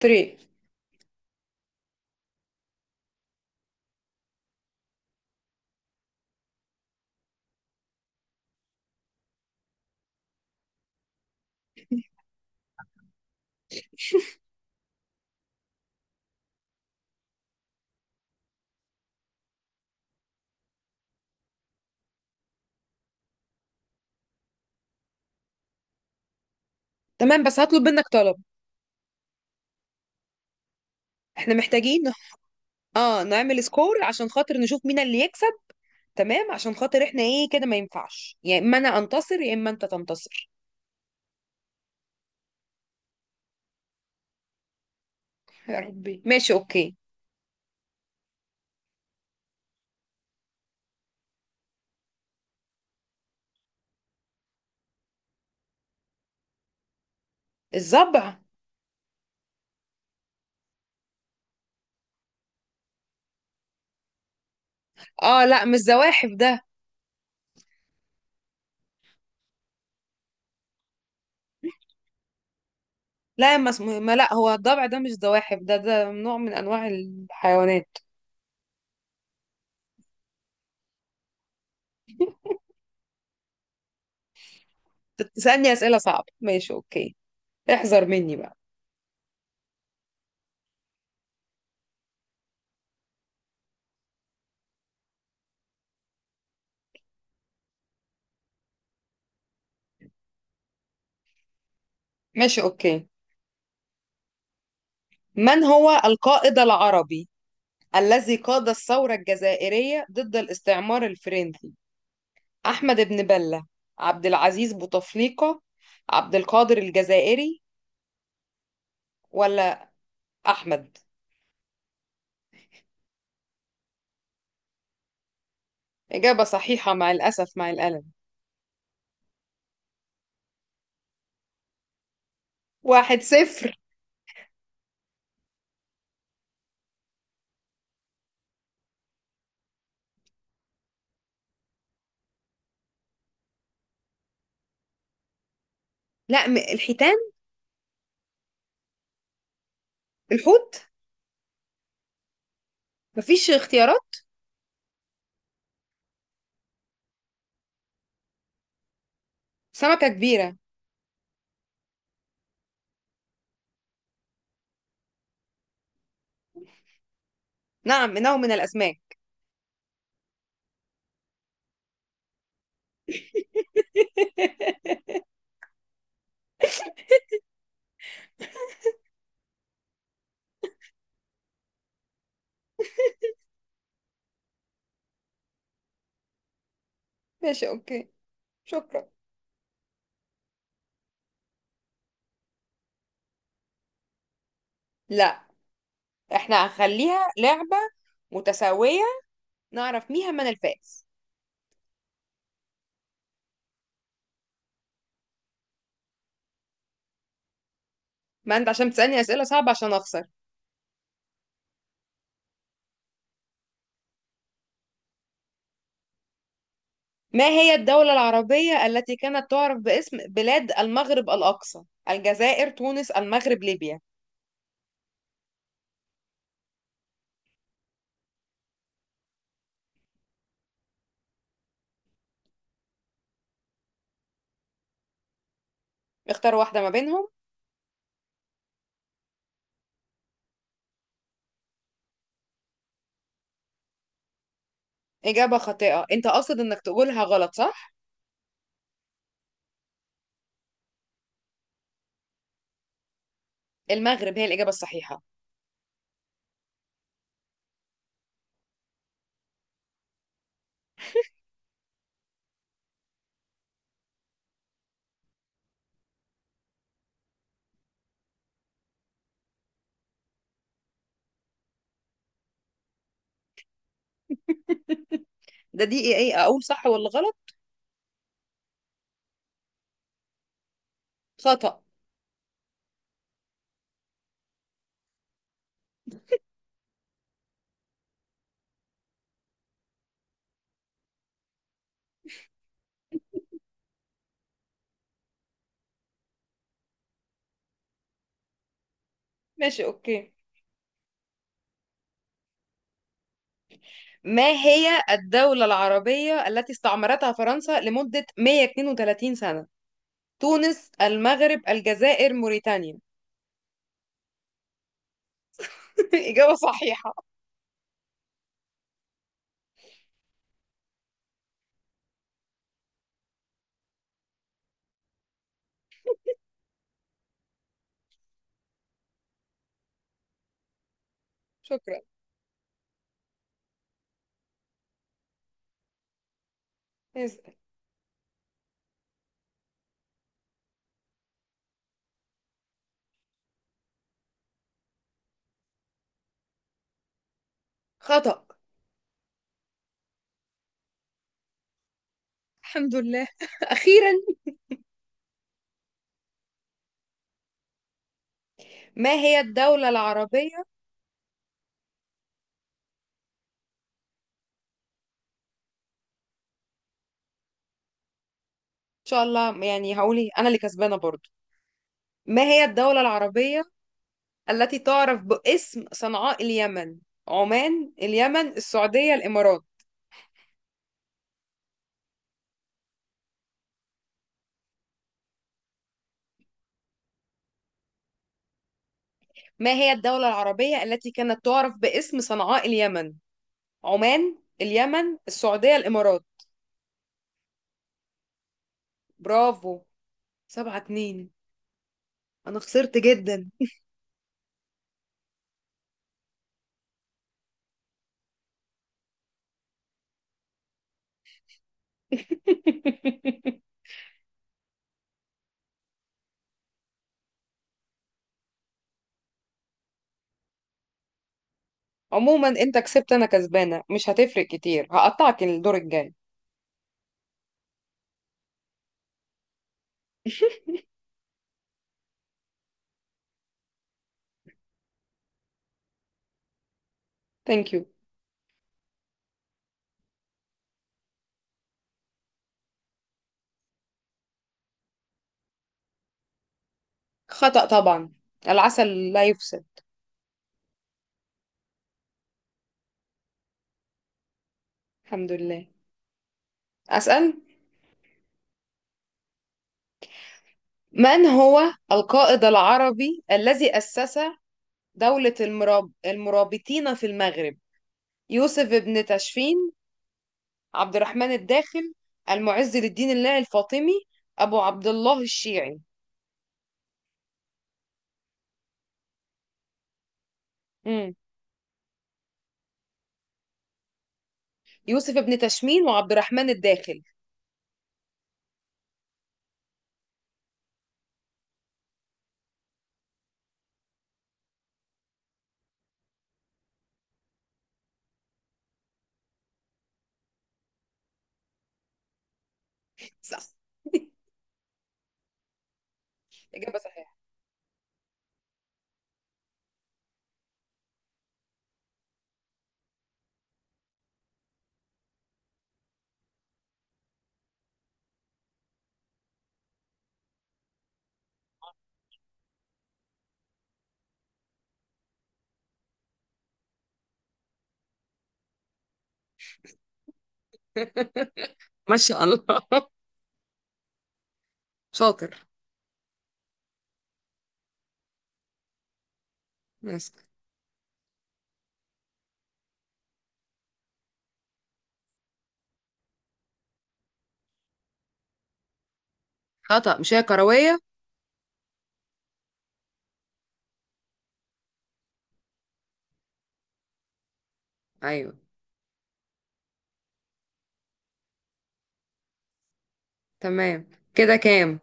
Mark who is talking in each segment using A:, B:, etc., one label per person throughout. A: طريق. تمام، بس هطلب منك طلب. احنا محتاجين اه نعمل سكور عشان خاطر نشوف مين اللي يكسب. تمام، عشان خاطر احنا ايه كده ما ينفعش، يا اما انا انتصر يا اما انت تنتصر. يا ربي، ماشي اوكي. الضبع؟ اه لا، مش زواحف ده. لا، ما اسمه، ما لا، هو الضبع ده، مش زواحف ده نوع من انواع الحيوانات. تسألني اسئلة صعبة؟ ماشي اوكي، احذر مني بقى. ماشي اوكي. من هو القائد العربي الذي قاد الثورة الجزائرية ضد الاستعمار الفرنسي؟ أحمد بن بلة، عبد العزيز بوتفليقة، عبد القادر الجزائري، ولا أحمد؟ إجابة صحيحة، مع الأسف مع الألم. واحد صفر. لا م- الحيتان؟ الحوت؟ مفيش اختيارات؟ سمكة كبيرة. نعم، إنه من الأسماك. ماشي أوكي، شكرا. لا، إحنا هنخليها لعبة متساوية، نعرف مين من الفائز. ما أنت عشان تسألني أسئلة صعبة عشان أخسر. ما هي الدولة العربية التي كانت تعرف باسم بلاد المغرب الأقصى؟ الجزائر، تونس، المغرب، ليبيا. اختار واحدة ما بينهم. إجابة خاطئة، أنت قاصد إنك تقولها غلط صح؟ المغرب هي الإجابة الصحيحة. ده دي إيه أقول صح ولا غلط؟ خطأ. ماشي أوكي. ما هي الدولة العربية التي استعمرتها فرنسا لمدة 132 سنة؟ تونس، المغرب، الجزائر، موريتانيا. إجابة صحيحة. شكرا. اسأل. خطأ. الحمد لله. أخيرا. ما هي الدولة العربية، إن شاء الله يعني هقولي أنا اللي كسبانة برضو. ما هي الدولة العربية التي تعرف باسم صنعاء اليمن؟ عمان، اليمن، السعودية، الإمارات. ما هي الدولة العربية التي كانت تعرف باسم صنعاء اليمن؟ عمان، اليمن، السعودية، الإمارات. برافو. سبعة اتنين، أنا خسرت جدا. عموما أنت كسبت، أنا كسبانة، مش هتفرق كتير، هقطعك الدور الجاي. ثانك يو. خطأ طبعا، العسل لا يفسد. الحمد لله. أسأل. من هو القائد العربي الذي أسس دولة المرابطين في المغرب؟ يوسف بن تاشفين، عبد الرحمن الداخل، المعز للدين الله الفاطمي، أبو عبد الله الشيعي. مم. يوسف بن تاشفين وعبد الرحمن الداخل. صح. إجابة صحيحة. ما شاء الله، شاطر. بس. خطأ، مش هي كروية. أيوه. تمام. كده كام؟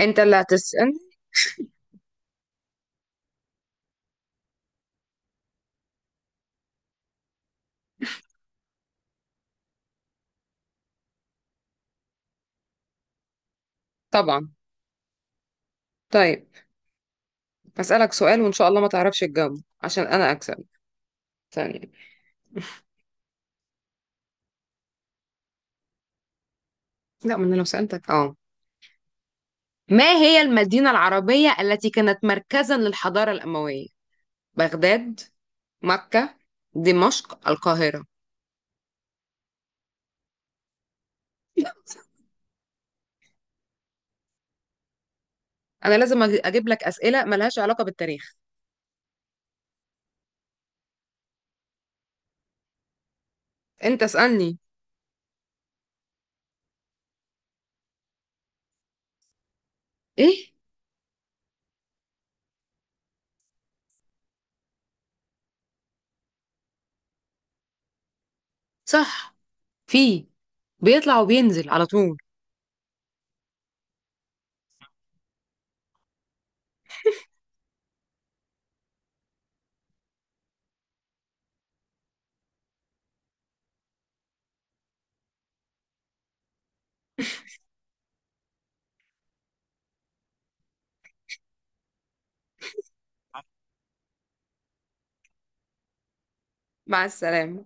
A: انت اللي هتسأل. طبعا. طيب، هسألك سؤال وإن شاء الله ما تعرفش تجاوبه عشان أنا أكسب ثانية. لا، ما أنا لو سألتك ما هي المدينة العربية التي كانت مركزا للحضارة الأموية؟ بغداد، مكة، دمشق، القاهرة. أنا لازم أجيب لك أسئلة ملهاش علاقة بالتاريخ. أنت اسألني. إيه؟ صح، في، بيطلع وبينزل على طول. مع السلامة.